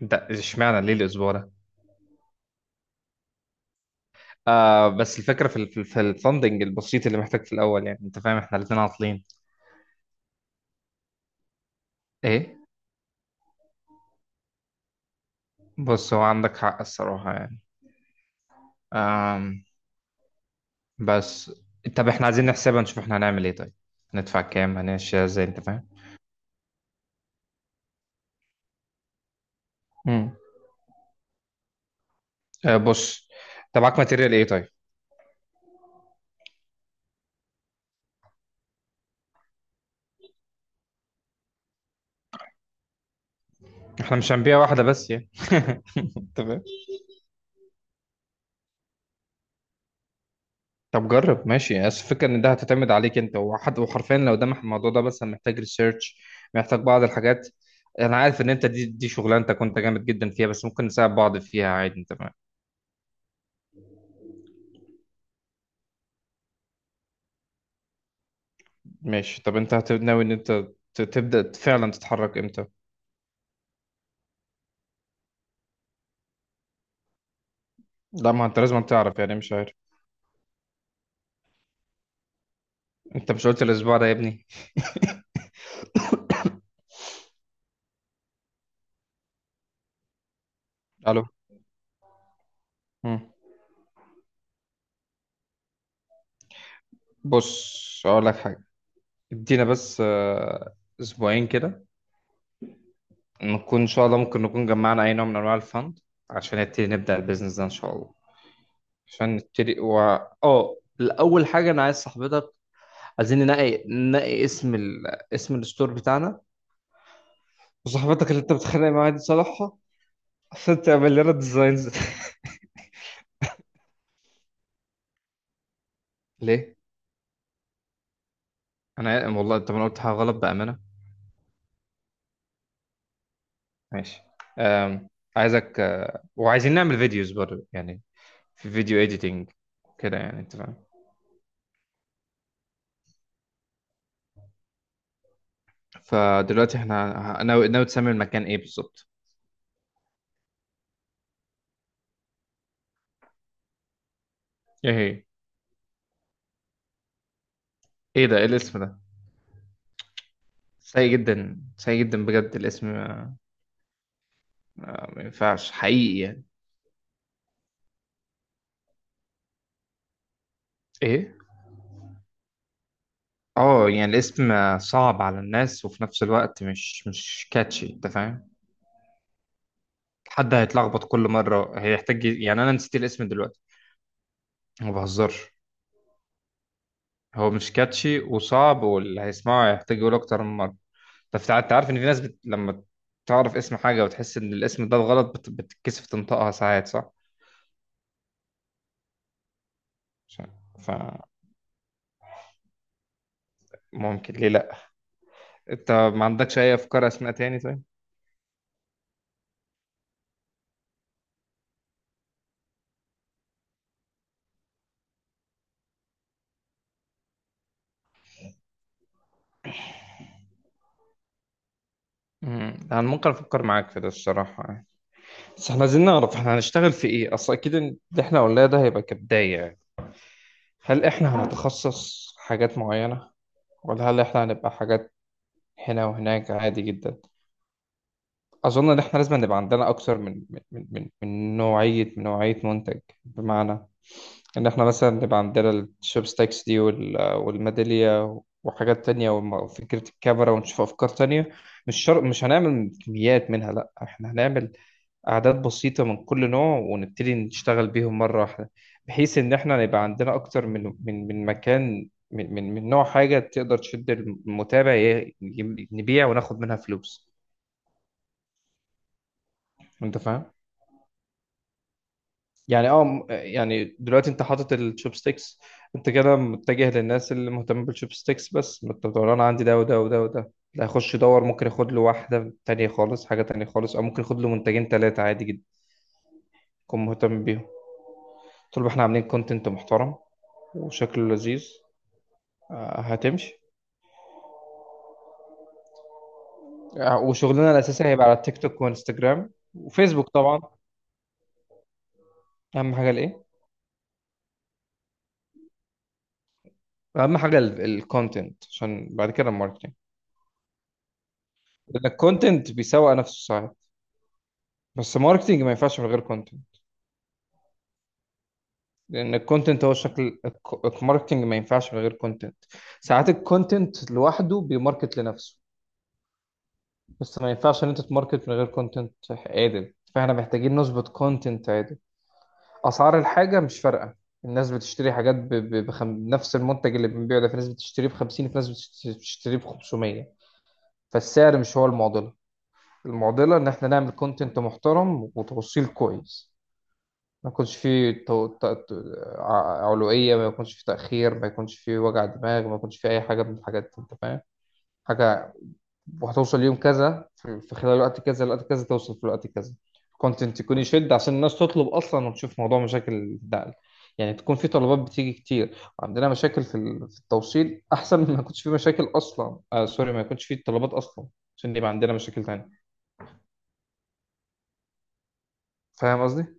ده اشمعنى ليه الاسبوع ده؟ آه، بس الفكره في الفندنج البسيط اللي محتاج في الاول، يعني انت فاهم احنا الاثنين عاطلين. ايه؟ بص، هو عندك حق الصراحه يعني. آم بس. طب احنا عايزين نحسبها نشوف احنا هنعمل ايه. طيب هندفع كام؟ هنمشي ازاي؟ انت فاهم. امم آه، بص، انت معاك ماتيريال ايه طيب؟ احنا مش هنبيع واحده بس يعني. انت فاهم. طب جرب، ماشي، بس الفكرة ان ده هتعتمد عليك انت وحد، وحرفيا لو ده الموضوع ده مثلا محتاج ريسيرش، محتاج بعض الحاجات. انا عارف ان انت دي شغلانتك، وانت جامد جدا فيها، بس ممكن نساعد بعض فيها عادي. انت ماشي. طب انت ناوي ان انت تبدأ فعلا تتحرك امتى؟ لا، ما انت لازم تعرف، يعني مش عارف؟ انت مش قلت الاسبوع ده يا ابني؟ الو. مم. بص، اقول لك حاجة، ادينا بس اسبوعين كده، نكون ان شاء الله ممكن نكون جمعنا اي نوع من انواع الفند عشان نبدأ البيزنس ده ان شاء الله. عشان نبتدي، و اه، الاول حاجه انا عايز صاحبتك، عايزين ننقي اسم ال... اسم الستور بتاعنا، وصاحبتك اللي انت بتتخانق معاها دي صالحها عشان تعمل لنا ديزاينز. ليه؟ انا والله طب انا قلت حاجه غلط بامانه؟ ماشي. أم... عايزك وعايزين نعمل فيديوز برضه، يعني في فيديو اديتنج كده، يعني انت فاهم. فدلوقتي احنا ناوي تسمي المكان ايه بالظبط؟ ايه هي؟ ايه ده؟ ايه الاسم ده؟ سيء جدا، سيء جدا بجد، الاسم ما ينفعش حقيقي يعني. ايه؟ اه، يعني الاسم صعب على الناس، وفي نفس الوقت مش كاتشي. انت فاهم؟ حد هيتلخبط كل مره، هيحتاج، يعني انا نسيت الاسم دلوقتي، ما بهزرش. هو مش كاتشي وصعب، واللي هيسمعه هيحتاج يقول اكتر من مره. طب انت عارف ان في ناس بت... لما تعرف اسم حاجه وتحس ان الاسم ده غلط بت... بتتكسف تنطقها ساعات، صح؟ ف... فممكن، ليه لا؟ انت ما عندكش اي افكار اسماء تاني طيب؟ امم، انا ممكن افكر معاك في ده الصراحه، بس احنا عايزين نعرف احنا هنشتغل في ايه، اصل اكيد إن اللي احنا قلناه ده هيبقى كبداية يعني. هل احنا هنتخصص حاجات معينة، ولا هل احنا هنبقى حاجات هنا وهناك عادي جدا؟ اظن ان احنا لازم نبقى عندنا اكتر من نوعية منتج. بمعنى ان احنا مثلا نبقى عندنا الشوبستكس دي والميدالية وحاجات تانية وفكرة الكاميرا، ونشوف أفكار تانية. مش شرط، مش هنعمل كميات منها، لأ، احنا هنعمل أعداد بسيطة من كل نوع ونبتدي نشتغل بيهم مرة واحدة، بحيث إن إحنا يبقى عندنا أكتر من مكان، من نوع حاجة تقدر تشد المتابع، نبيع وناخد منها فلوس. أنت فاهم؟ يعني اه، يعني دلوقتي انت حاطط الشوبستيكس، انت كده متجه للناس اللي مهتمه بالشوبستيكس بس. ما انت بتقول انا عندي ده وده وده وده، لا، هيخش يدور، ممكن ياخد له واحده تانية خالص، حاجه تانية خالص، او ممكن ياخد له منتجين ثلاثه عادي جدا، يكون مهتم بيهم طول ما احنا عاملين كونتنت محترم وشكله لذيذ. آه، هتمشي. آه، وشغلنا الاساسي هيبقى على التيك توك وانستجرام وفيسبوك طبعا. اهم حاجه الايه؟ اهم حاجه الكونتنت، عشان بعد كده الماركتنج، لان الكونتنت بيسوق نفسه ساعات، بس ماركتنج ما ينفعش من غير كونتنت. لان الكونتنت هو شكل الماركتنج ما ينفعش من غير كونتنت. ساعات الكونتنت لوحده بيماركت لنفسه، بس ما ينفعش ان انت تماركت من غير كونتنت عادل. فاحنا محتاجين نظبط كونتنت عادل. اسعار الحاجه مش فارقه، الناس بتشتري حاجات ب... ب... بخم... نفس المنتج اللي بنبيعه ده في ناس بتشتريه ب 50، في ناس بتشتريه ب 500. فالسعر مش هو المعضله، المعضله ان احنا نعمل كونتنت محترم وتوصيل كويس، ما يكونش فيه تو... ت... ت... علوية، ما يكونش فيه تأخير، ما يكونش فيه وجع دماغ، ما يكونش فيه أي حاجة من الحاجات دي. أنت فاهم؟ حاجة وهتوصل يوم كذا، في في خلال وقت كذا لوقت كذا، توصل في الوقت كذا. كونتنت يكون يشد عشان الناس تطلب اصلا، وتشوف موضوع مشاكل الدعم. يعني تكون في طلبات بتيجي كتير وعندنا مشاكل في التوصيل، احسن من ما يكونش في مشاكل اصلا. آه سوري، ما يكونش في طلبات اصلا، عشان يبقى عندنا مشاكل تانية. فاهم قصدي؟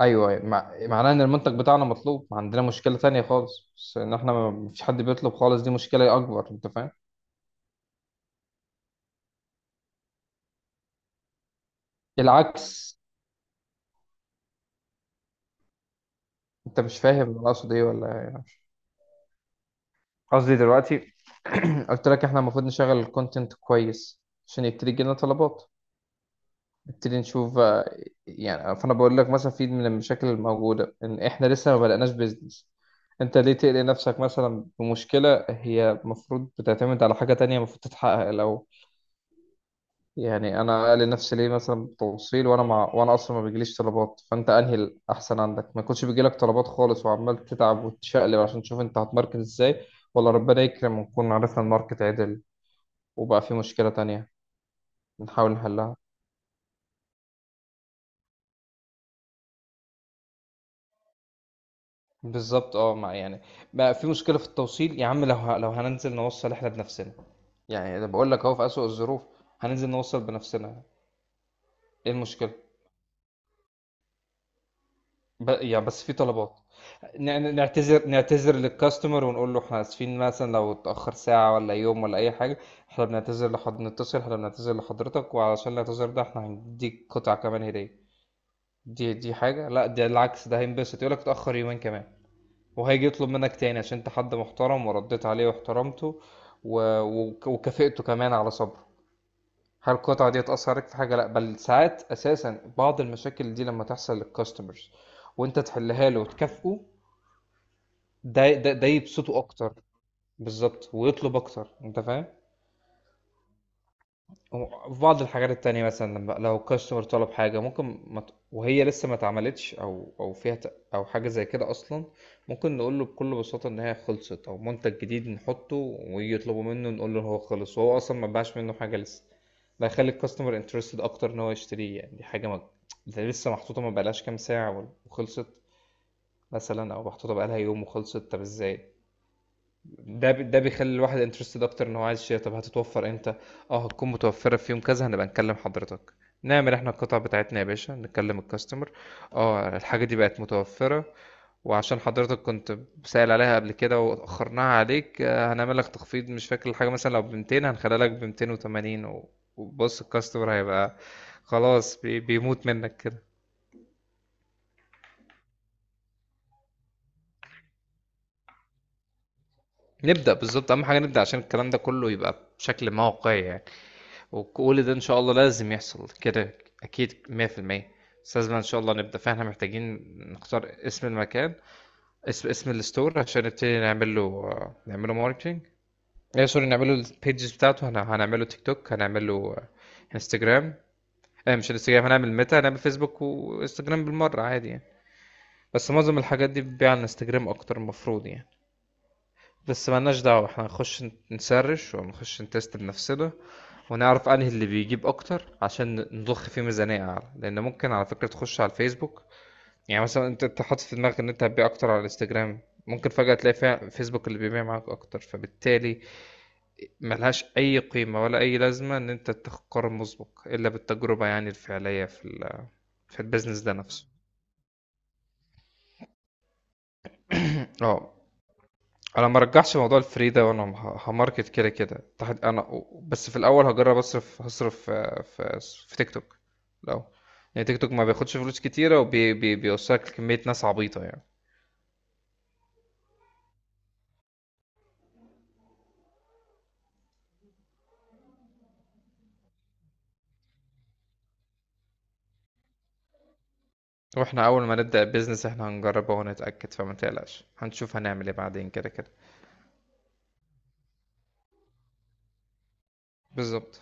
ايوه. أيوة، مع... معناه ان المنتج بتاعنا مطلوب، ما عندنا مشكلة تانية خالص، بس ان احنا ما فيش حد بيطلب خالص، دي مشكلة اكبر. انت فاهم؟ العكس. انت مش فاهم انا اقصد ايه ولا إيه؟ قصدي دلوقتي، قلت لك احنا المفروض نشغل الكونتنت كويس، عشان يبتدي يجيلنا طلبات، نبتدي نشوف يعني. فانا بقول لك مثلا في من المشاكل الموجوده ان احنا لسه ما بدأناش بيزنس، انت ليه تقلق نفسك مثلا بمشكله هي المفروض بتعتمد على حاجه تانية المفروض تتحقق لو، يعني انا قلق نفسي ليه مثلا بتوصيل وانا اصلا ما بيجيليش طلبات؟ فانت انهي الاحسن عندك، ما يكونش بيجيلك طلبات خالص وعمال تتعب وتشقلب عشان تشوف انت هتماركت ازاي، ولا ربنا يكرم ونكون عرفنا الماركت عدل وبقى في مشكلة تانية بنحاول نحلها؟ بالظبط. اه مع يعني، بقى في مشكلة في التوصيل يا عم، لو لو هننزل نوصل احنا بنفسنا، يعني أنا بقول لك اهو، في أسوأ الظروف هننزل نوصل بنفسنا، ايه المشكلة؟ ب... يعني بس في طلبات. نعتذر نعتذر للكاستمر، ونقول له احنا اسفين مثلا لو اتأخر ساعة ولا يوم ولا اي حاجة، احنا بنعتذر لحد نتصل، احنا بنعتذر لحضرتك، وعلشان الاعتذار ده احنا هنديك قطعة كمان هدية. دي حاجة، لا، ده العكس، ده هينبسط، يقول لك اتأخر يومين كمان، وهيجي يطلب منك تاني عشان انت حد محترم ورديت عليه واحترمته، و... وكافئته كمان على صبره. هل القطعة دي هتأثر عليك في حاجة؟ لأ، بل ساعات أساسا بعض المشاكل دي لما تحصل للكاستمرز وأنت تحلها له وتكافئه، ده يبسطه أكتر. بالظبط، ويطلب أكتر. أنت فاهم؟ هو في بعض الحاجات التانية مثلا، لما لو كاستمر طلب حاجة ممكن ما وهي لسه ما اتعملتش، أو فيها أو حاجة زي كده أصلا، ممكن نقول له بكل بساطة إن هي خلصت، أو منتج جديد نحطه ويجي يطلبوا منه نقول له إن هو خلص وهو أصلا ما باعش منه حاجة لسه. ده هيخلي الكاستمر انترستد أكتر إن هو يشتريه، يعني دي حاجة ما، ده لسه محطوطة ما بقالهاش كام ساعة وخلصت مثلا، أو محطوطة بقالها يوم وخلصت. طب إزاي؟ ده بيخلي الواحد انترستد اكتر ان هو عايز يشتري. طب هتتوفر امتى؟ اه، هتكون متوفره في يوم كذا، هنبقى نكلم حضرتك. نعمل احنا القطع بتاعتنا يا باشا، نكلم الكاستمر: اه الحاجه دي بقت متوفره، وعشان حضرتك كنت سائل عليها قبل كده واخرناها عليك، هنعمل لك تخفيض، مش فاكر الحاجه، مثلا لو ب 200 هنخليها لك ب 280، وبص الكاستمر هيبقى خلاص بيموت منك كده. نبدا، بالظبط، اهم حاجه نبدا، عشان الكلام ده كله يبقى بشكل موقعي يعني. وكل ده إن شاء الله لازم يحصل كده أكيد 100%، بس لازم إن شاء الله نبدأ. فإحنا محتاجين نختار اسم المكان، اسم اسم الستور، عشان نبتدي نعمل له، نعمله ماركتينج. ايه سوري، نعمل له البيجز بتاعته، هنعمل له تيك توك، هنعمل له انستجرام. ايه مش انستجرام، هنعمل ميتا، هنعمل فيسبوك وانستجرام بالمرة عادي يعني. بس معظم الحاجات دي بتبيع على انستجرام أكتر المفروض يعني. بس مالناش دعوة، احنا هنخش نسرش ونخش نتست بنفسنا، ونعرف انهي اللي بيجيب اكتر عشان نضخ فيه ميزانية اعلى، لان ممكن على فكرة تخش على الفيسبوك. يعني مثلا انت حاطط في دماغك ان انت هتبيع اكتر على الانستجرام، ممكن فجأة تلاقي فيها فيسبوك اللي بيبيع معاك اكتر، فبالتالي ملهاش اي قيمة ولا اي لازمة ان انت تاخد قرار مسبق الا بالتجربة يعني الفعلية في البيزنس ده نفسه. اه، انا ما رجعش موضوع الفري ده، وانا هماركت كده كده تحت. انا بس في الاول هجرب اصرف، هصرف في في تيك توك لو، يعني تيك توك ما بياخدش فلوس كتيره وبيوصلك لكميه ناس عبيطه يعني. واحنا اول ما نبدا البيزنس احنا هنجربه ونتاكد، فما تقلقش، هنشوف هنعمل ايه بعدين كده كده. بالظبط.